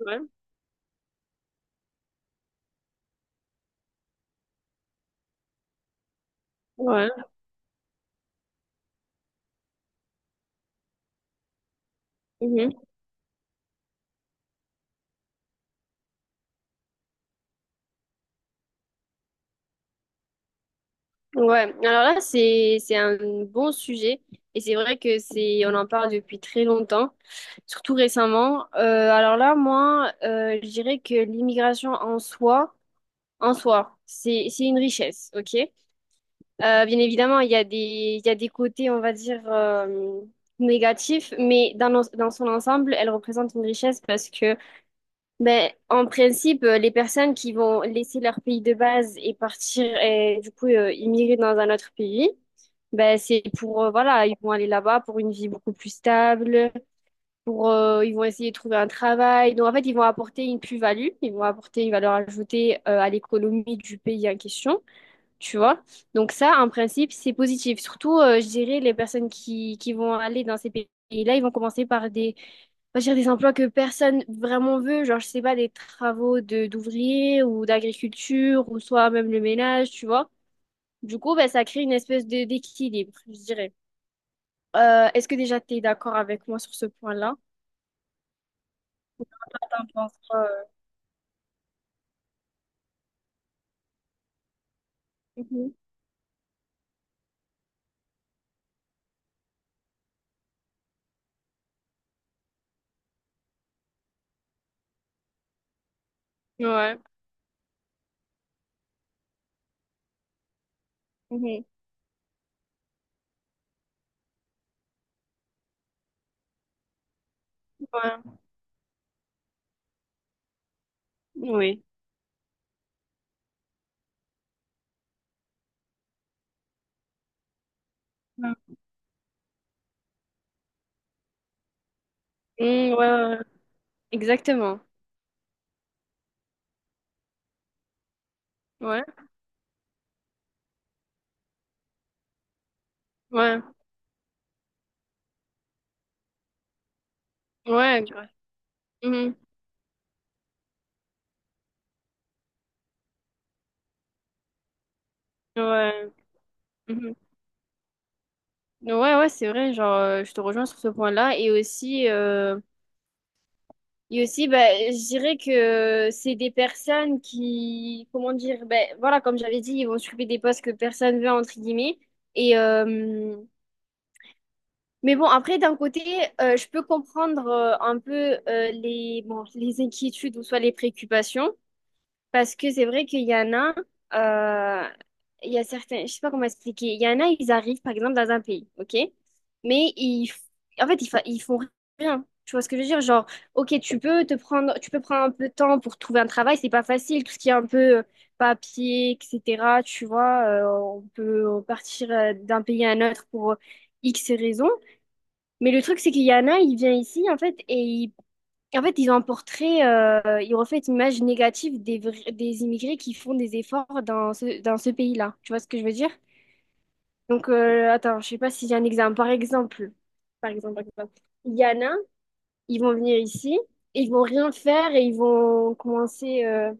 Ouais, ouais, mhm. Ouais. Alors là, c'est un bon sujet et c'est vrai que c'est on en parle depuis très longtemps, surtout récemment. Alors là, moi, je dirais que l'immigration en soi, c'est une richesse, ok? Bien évidemment, il y a des côtés, on va dire négatifs, mais dans son ensemble, elle représente une richesse parce que ben, en principe, les personnes qui vont laisser leur pays de base et partir et du coup immigrer dans un autre pays, ben c'est pour voilà, ils vont aller là-bas pour une vie beaucoup plus stable, pour ils vont essayer de trouver un travail. Donc en fait, ils vont apporter une plus-value, ils vont apporter une valeur ajoutée à l'économie du pays en question, tu vois. Donc ça, en principe, c'est positif. Surtout, je dirais, les personnes qui vont aller dans ces pays-là, ils vont commencer par des, on va dire, des emplois que personne vraiment veut, genre, je sais pas, des travaux de d'ouvriers ou d'agriculture, ou soit même le ménage, tu vois. Du coup, ben, ça crée une espèce de d'équilibre, je dirais. Est-ce que déjà tu es d'accord avec moi sur ce point-là? T'en penses quoi, euh Mhm. Ouais. Mhm. Ouais. Oui. Mm, ouais, ouais, ouais. Exactement. Ouais, ouais, ouais. Ouais, mhm. Ouais, ouais, c'est vrai, genre, je te rejoins sur ce point-là. Et aussi, bah, je dirais que c'est des personnes qui, comment dire, ben voilà, comme j'avais dit, ils vont s'occuper des postes que personne veut, entre guillemets. Et, mais bon, après, d'un côté, je peux comprendre un peu bon, les inquiétudes ou soit les préoccupations. Parce que c'est vrai qu'il y en a, euh, il y a certains, je sais pas comment expliquer, il y en a, ils arrivent par exemple dans un pays, ok? Mais en fait, ils font rien. Tu vois ce que je veux dire? Genre, ok, tu peux te prendre, tu peux prendre un peu de temps pour trouver un travail, c'est pas facile, tout ce qui est un peu papier, etc. Tu vois, on peut partir d'un pays à un autre pour X raisons. Mais le truc, c'est qu'il y en a, ils viennent ici, en fait, et en fait, ils ont un portrait, ils reflètent une image négative des immigrés qui font des efforts dans ce pays-là. Tu vois ce que je veux dire? Donc, attends, je sais pas si j'ai un exemple. Par exemple, il y en a, ils vont venir ici, et ils vont rien faire et ils vont commencer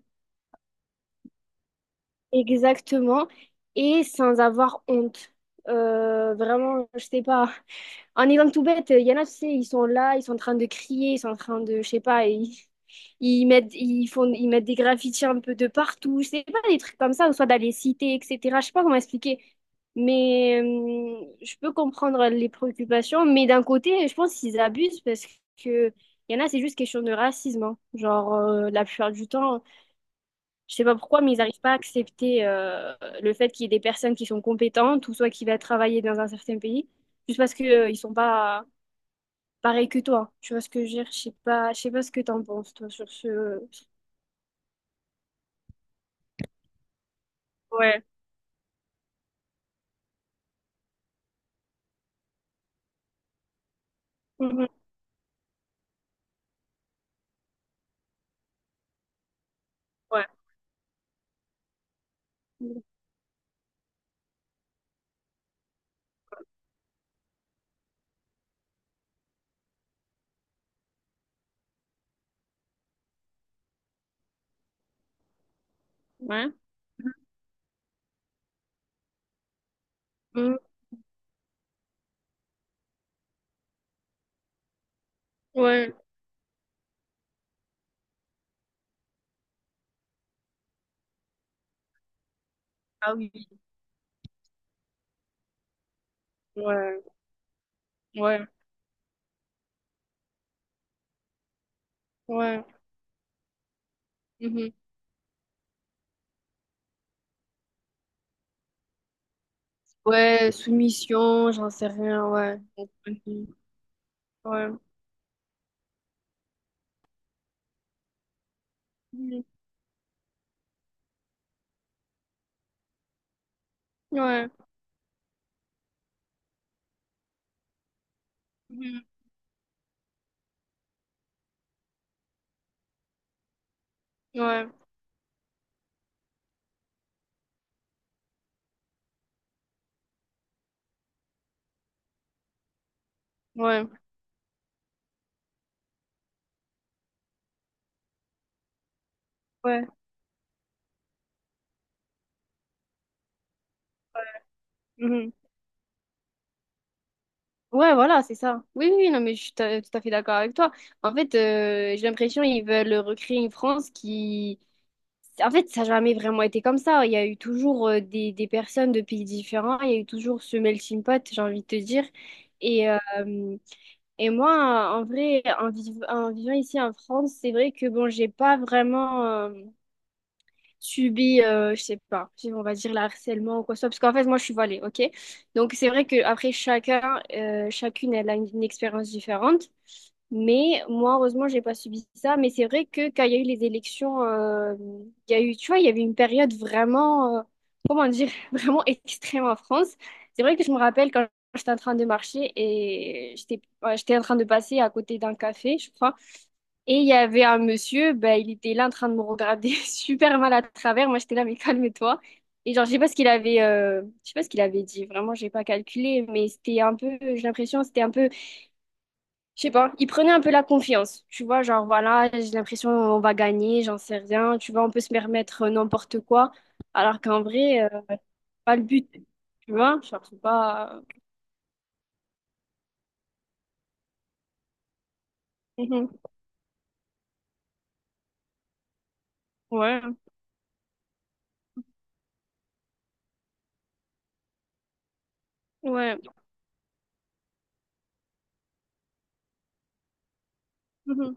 exactement et sans avoir honte. Vraiment, je sais pas. En exemple tout bête, il y en a, tu sais, ils sont là, ils sont en train de crier, ils sont en train de, je sais pas, ils mettent, ils font, ils mettent des graffitis un peu de partout, je sais pas, des trucs comme ça, ou soit dans les cités, etc. Je sais pas comment expliquer. Mais je peux comprendre les préoccupations, mais d'un côté, je pense qu'ils abusent parce que il y en a, c'est juste question de racisme, hein. Genre, la plupart du temps, je sais pas pourquoi, mais ils n'arrivent pas à accepter le fait qu'il y ait des personnes qui sont compétentes ou soit qui va travailler dans un certain pays, juste parce que ils sont pas pareil que toi, tu vois ce que je veux dire? Je sais pas ce que t'en penses, toi, sur ce... Ouais. Mhm. Ouais. Ouais. Mhm. Ouais. Ah oui. Ouais. Ouais. Ouais. Mhm. Ouais, soumission, j'en sais rien, ouais. Mhm. Ouais. Mhm. Ouais. Mhm. Ouais. Ouais. Ouais. Mhm. Ouais, voilà, c'est ça. Oui, oui, non, mais je suis tout à fait d'accord avec toi. En fait, j'ai l'impression qu'ils veulent recréer une France en fait, ça n'a jamais vraiment été comme ça. Il y a eu toujours des personnes de pays différents. Il y a eu toujours ce melting pot, j'ai envie de te dire. Et, euh, et moi, en vrai, en vivant ici en France, c'est vrai que bon, j'ai pas vraiment subi, je sais pas, si on va dire le harcèlement ou quoi que ce soit. Parce qu'en fait, moi, je suis voilée, ok? Donc, c'est vrai que après chacun, chacune, elle a une expérience différente. Mais moi, heureusement, j'ai pas subi ça. Mais c'est vrai que quand il y a eu les élections, il y a eu, tu vois, il y avait une période vraiment, comment dire, vraiment extrême en France. C'est vrai que je me rappelle quand j'étais en train de marcher et j'étais, ouais, j'étais en train de passer à côté d'un café, je crois. Et il y avait un monsieur, ben, il était là en train de me regarder super mal à travers. Moi, j'étais là, mais calme-toi. Et genre, je sais pas ce qu'il avait dit. Vraiment, j'ai pas calculé, mais c'était un peu, j'ai l'impression, c'était un peu je sais pas, il prenait un peu la confiance. Tu vois, genre voilà, j'ai l'impression on va gagner, j'en sais rien. Tu vois, on peut se permettre n'importe quoi. Alors qu'en vrai, c'est pas le but. Tu vois, genre c'est pas. Mhm. Ouais, ouais. Mhm.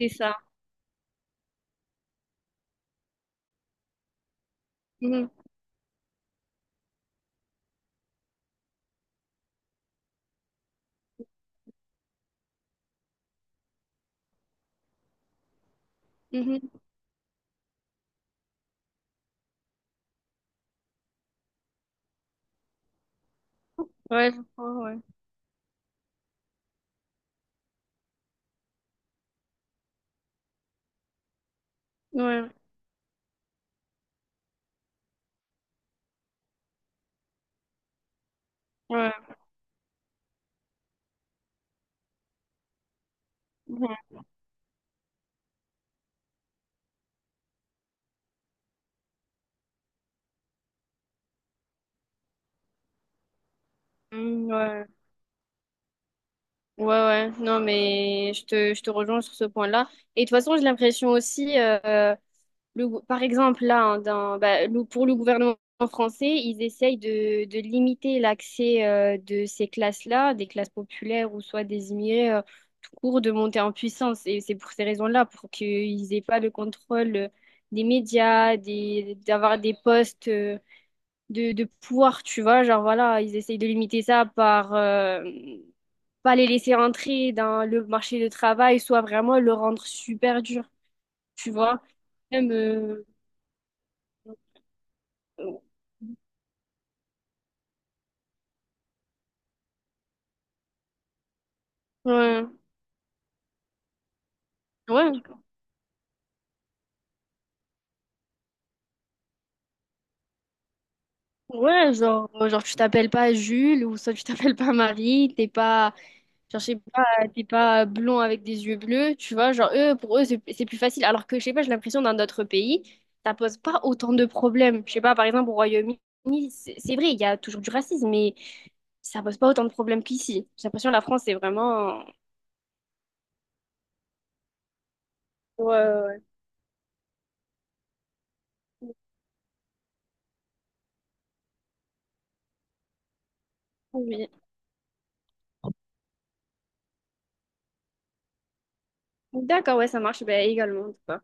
C'est ça. Mhm. Mhm. Ouais, je crois, ouais. Ouais, ouais. Mhm. Mhm. Ouais. Ouais, ouais. Non, mais je te rejoins sur ce point-là. Et de toute façon, j'ai l'impression aussi. Par exemple, là, hein, bah, pour le gouvernement français, ils essayent de limiter l'accès de ces classes-là, des classes populaires ou soit des immigrés, tout court, de monter en puissance. Et c'est pour ces raisons-là, pour qu'ils aient pas le contrôle des médias, d'avoir des postes de pouvoir, tu vois. Genre, voilà, ils essayent de limiter ça par... pas les laisser entrer dans le marché du travail, soit vraiment le rendre super dur, tu vois. Même, euh, Ouais, ouais, ouais, genre tu t'appelles pas Jules ou ça tu t'appelles pas Marie, t'es pas, genre, je sais pas, t'es pas blond avec des yeux bleus, tu vois, genre eux, pour eux c'est plus facile, alors que je sais pas, j'ai l'impression dans d'autres pays, ça pose pas autant de problèmes, je sais pas, par exemple au Royaume-Uni, c'est vrai, il y a toujours du racisme, mais ça pose pas autant de problèmes qu'ici, j'ai l'impression que la France c'est vraiment... Ouais, ouais, ouais. Oui. D'accord, ouais, ça marche, bah, également, en tout cas.